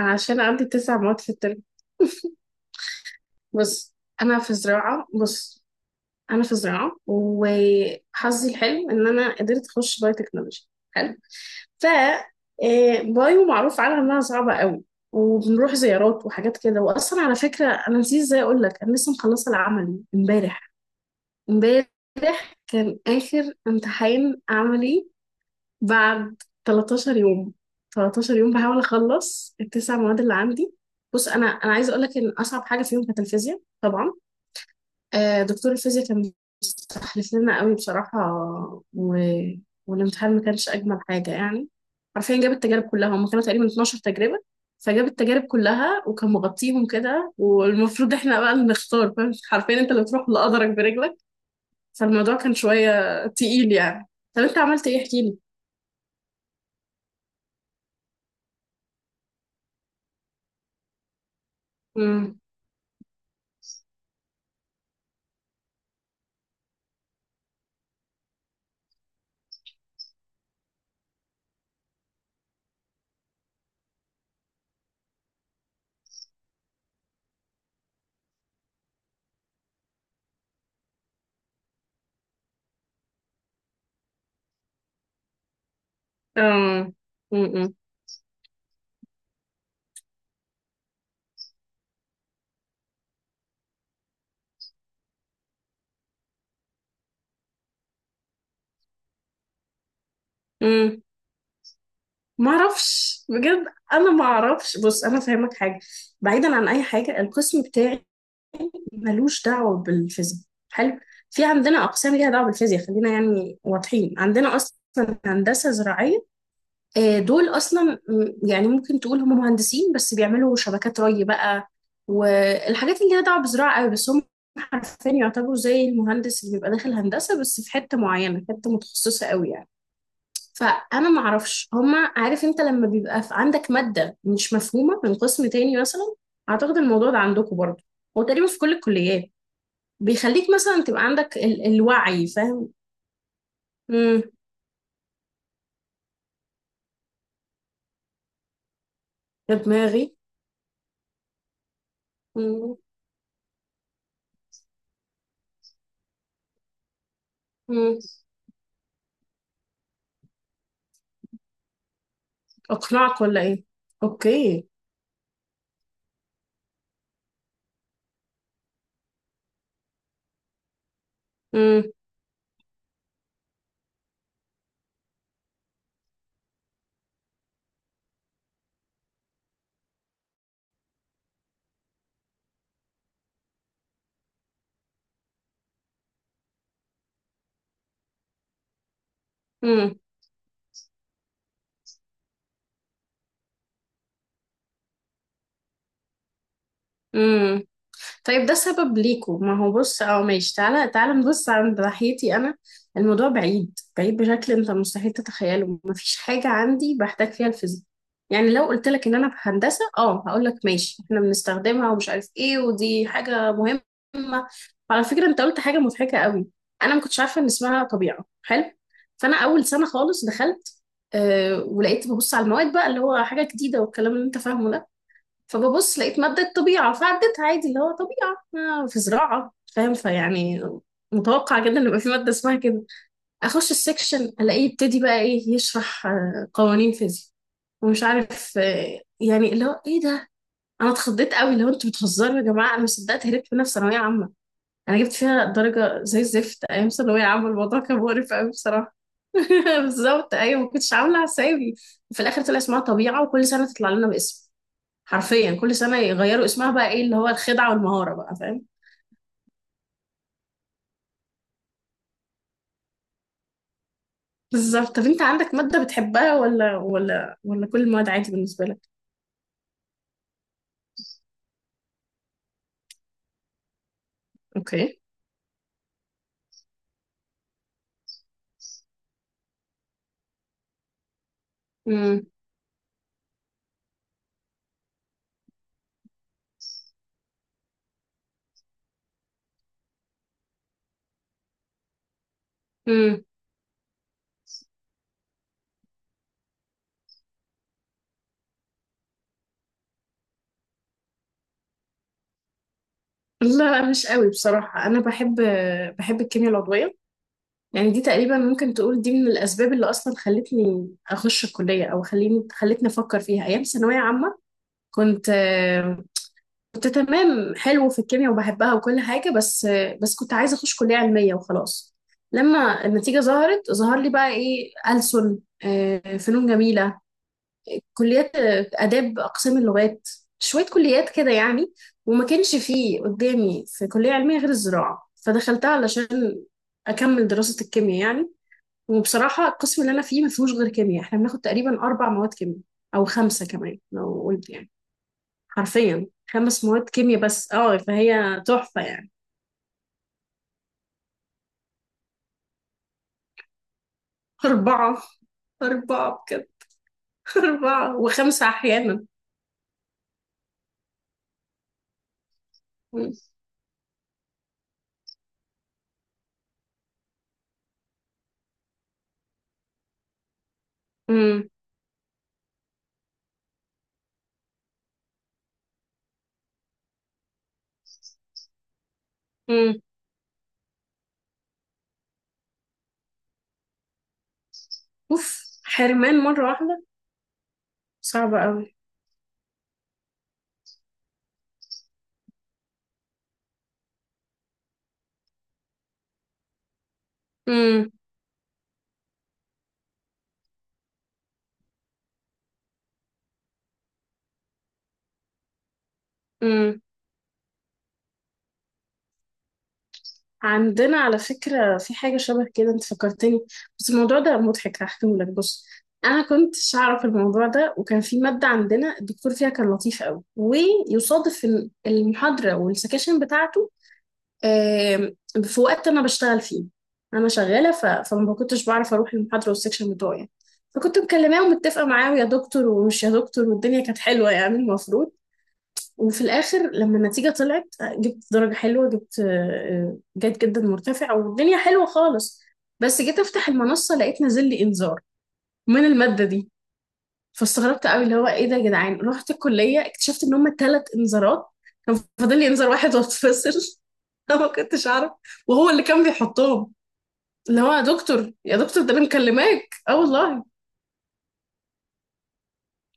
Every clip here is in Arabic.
عشان عندي تسع مواد في الترم. بص. انا في زراعه بص انا في زراعه وحظي الحلو ان انا قدرت اخش بايو تكنولوجي حلو. ف آه، بايو معروف عنها انها صعبه قوي، وبنروح زيارات وحاجات كده. واصلا على فكره، انا نسيت ازاي اقول لك، انا لسه مخلصه العملي امبارح كان اخر امتحان عملي، بعد 13 يوم. 13 يوم بحاول اخلص التسع مواد اللي عندي. بص، انا عايزه اقول لك ان اصعب حاجه فيهم كانت الفيزياء طبعا. دكتور الفيزياء كان مستحلف لنا قوي بصراحه، و... والامتحان ما كانش اجمل حاجه يعني. حرفيا جاب التجارب كلها، هم كانوا تقريبا 12 تجربه. فجاب التجارب كلها وكان مغطيهم كده، والمفروض احنا بقى اللي نختار، فاهم؟ حرفيا انت اللي تروح لقدرك برجلك. فالموضوع كان شويه تقيل يعني. طب انت عملت ايه، احكي لي. اه. م-م. م. ما اعرفش بجد. انا ما اعرفش. بص، انا فاهمك حاجه، بعيدا عن اي حاجه القسم بتاعي ملوش دعوه بالفيزياء. حلو. في عندنا اقسام ليها دعوه بالفيزياء، خلينا يعني واضحين، عندنا اصلا هندسه زراعيه. دول اصلا، يعني ممكن تقول هم مهندسين بس بيعملوا شبكات ري بقى، والحاجات اللي ليها دعوه بالزراعه قوي، بس هم حرفيا يعتبروا زي المهندس اللي بيبقى داخل هندسه، بس في حته معينه، حته متخصصه قوي يعني. فانا ما اعرفش هما. عارف، انت لما بيبقى في عندك ماده مش مفهومه من قسم تاني مثلا، اعتقد الموضوع ده عندكم برضه، هو تقريبا في كل الكليات، بيخليك مثلا تبقى عندك الوعي، فاهم؟ امم. يا دماغي. امم. اقنعك ولا ايه؟ اوكي. امم. امم. طيب ده سبب ليكوا. ما هو بص، اه ماشي، تعالى تعالى نبص عند ناحيتي انا. الموضوع بعيد بعيد بشكل انت مستحيل تتخيله، مفيش حاجة عندي بحتاج فيها الفيزياء. يعني لو قلت لك ان انا في هندسة، اه هقول لك ماشي، احنا بنستخدمها ومش عارف ايه، ودي حاجة مهمة. وعلى فكرة، انت قلت حاجة مضحكة قوي، انا ما كنتش عارفة ان اسمها طبيعة. حلو. فانا اول سنة خالص دخلت، آه ولقيت ببص على المواد بقى، اللي هو حاجة جديدة، والكلام اللي انت فاهمه ده. فببص لقيت مادة طبيعة فعديتها عادي، اللي هو طبيعة في زراعة، فاهم؟ فيعني متوقع جدا ان يبقى في مادة اسمها كده. اخش السكشن الاقيه يبتدي بقى ايه، يشرح قوانين فيزياء، ومش عارف، يعني اللي هو ايه ده. انا اتخضيت قوي، اللي هو انتوا بتهزروا يا جماعة، انا مش صدقت هربت منها في ثانوية عامة. انا جبت فيها درجة زي الزفت ايام ثانوية عامة، الموضوع كان مقرف قوي بصراحة. بالظبط، ايوه ما كنتش عاملة حسابي. وفي الاخر طلع اسمها طبيعة، وكل سنة تطلع لنا باسم. حرفيا كل سنة يغيروا اسمها بقى ايه، اللي هو الخدعة والمهارة بقى، فاهم؟ بالظبط. طب انت عندك مادة بتحبها، ولا كل المواد عادي بالنسبة لك؟ اوكي. امم. امم. لا مش قوي بصراحة، انا بحب الكيمياء العضوية. يعني دي تقريبا ممكن تقول، دي من الاسباب اللي اصلا خلتني اخش الكلية، او خليني خلتني افكر فيها ايام ثانوية عامة. كنت كنت تمام حلو في الكيمياء وبحبها وكل حاجة. بس كنت عايزة أخش كلية علمية وخلاص. لما النتيجة ظهرت ظهر لي بقى إيه، ألسن، فنون جميلة، كليات، آداب، أقسام اللغات، شوية كليات كده يعني. وما كانش فيه قدامي في كلية علمية غير الزراعة، فدخلتها علشان أكمل دراسة الكيمياء يعني. وبصراحة القسم اللي أنا فيه ما فيهوش غير كيمياء، إحنا بناخد تقريبا أربع مواد كيمياء، أو خمسة كمان لو قلت يعني. حرفيا خمس مواد كيمياء بس، اه فهي تحفة يعني. أربعة. أربعة بجد. أربعة وخمسة أحيانا. مم. مم. مم. أوف حرمان مرة واحدة؟ صعبة أوي. مم. مم. عندنا على فكرة في حاجة شبه كده، أنت فكرتني، بس الموضوع ده مضحك هحكيهولك. بص، أنا كنتش أعرف الموضوع ده، وكان في مادة عندنا الدكتور فيها كان لطيف أوي، ويصادف إن المحاضرة والسكاشن بتاعته آم، في وقت انا بشتغل فيه. انا شغاله، فما كنتش بعرف اروح المحاضره والسكشن بتوعي. فكنت مكلماه ومتفقه معاه، يا دكتور ومش يا دكتور، والدنيا كانت حلوه يعني المفروض. وفي الاخر لما النتيجه طلعت، جبت درجه حلوه، جبت جيد جدا مرتفع، والدنيا حلوه خالص. بس جيت افتح المنصه لقيت نازل لي انذار من الماده دي. فاستغربت قوي، اللي هو ايه ده يا جدعان؟ رحت الكليه اكتشفت ان هم ثلاث انذارات، كان فاضل لي انذار واحد واتفصل. انا ما كنتش اعرف، وهو اللي كان بيحطهم، اللي هو يا دكتور يا دكتور ده انا مكلماك، اه والله.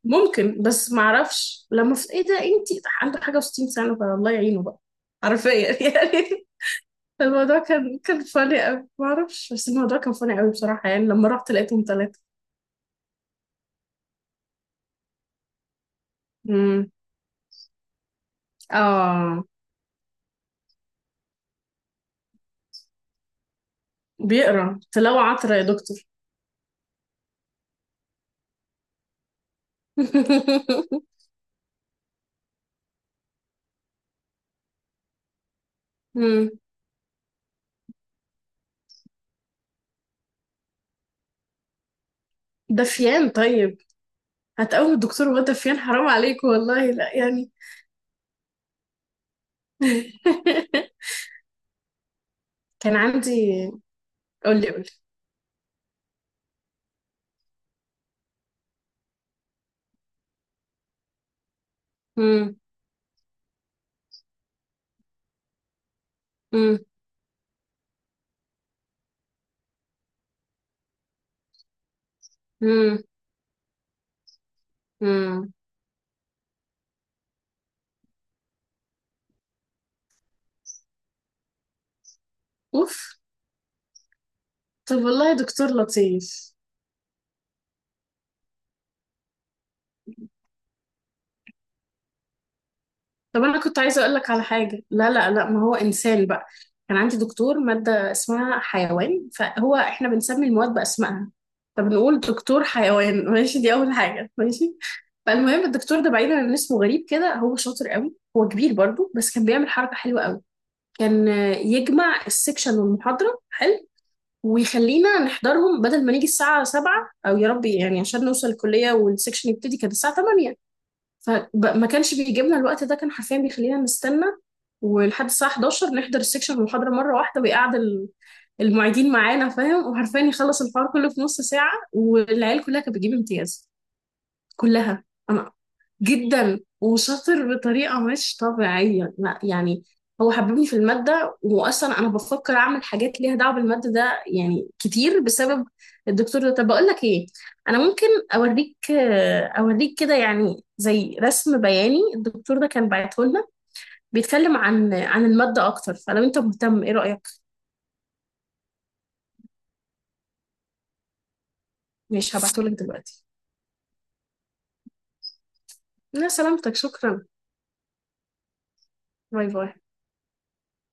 ممكن، بس ما اعرفش، لما في ايه ده انتي، ده عنده حاجه و60 سنه، فالله يعينه بقى. حرفيا يعني. الموضوع كان فاني قوي ما اعرفش، بس الموضوع كان فاني قوي بصراحه يعني، لما رحت لقيتهم ثلاثه. امم. اه. بيقرا تلاوه عطره يا دكتور. امم. دفيان طيب. هتقوم الدكتور وهو دفيان، حرام عليك والله، لا يعني. كان عندي. قولي قولي. امم. امم. امم. امم. اوف. طب والله دكتور لطيف. طب انا كنت عايزه اقول لك على حاجه. لا لا لا، ما هو انسان بقى. كان عندي دكتور ماده اسمها حيوان، فهو احنا بنسمي المواد باسمائها، فبنقول دكتور حيوان. ماشي، دي اول حاجه، ماشي. فالمهم الدكتور ده بعيدا عن اسمه غريب كده، هو شاطر قوي، هو كبير برضو، بس كان بيعمل حركه حلوه قوي. كان يجمع السكشن والمحاضره. حلو. ويخلينا نحضرهم، بدل ما نيجي الساعه 7 او يا ربي يعني عشان نوصل الكليه والسكشن يبتدي كانت الساعه 8، فما كانش بيجيب لنا الوقت ده، كان حرفيا بيخلينا نستنى ولحد الساعة 11 نحضر السكشن المحاضرة مرة واحدة. ويقعد المعيدين معانا، فاهم؟ وحرفيا يخلص الحوار كله في نص ساعة، والعيال كلها كانت بتجيب امتياز. كلها. انا جدا وشاطر بطريقه مش طبيعيه، لا يعني. هو حببني في الماده، واصلا انا بفكر اعمل حاجات ليها دعوه بالماده ده يعني كتير بسبب الدكتور ده. طب بقول لك ايه، انا ممكن اوريك. اوريك كده يعني زي رسم بياني. الدكتور ده كان بعته لنا بيتكلم عن الماده اكتر، فلو انت مهتم ايه رايك؟ ماشي هبعته لك دلوقتي. لا سلامتك، شكرا. باي باي.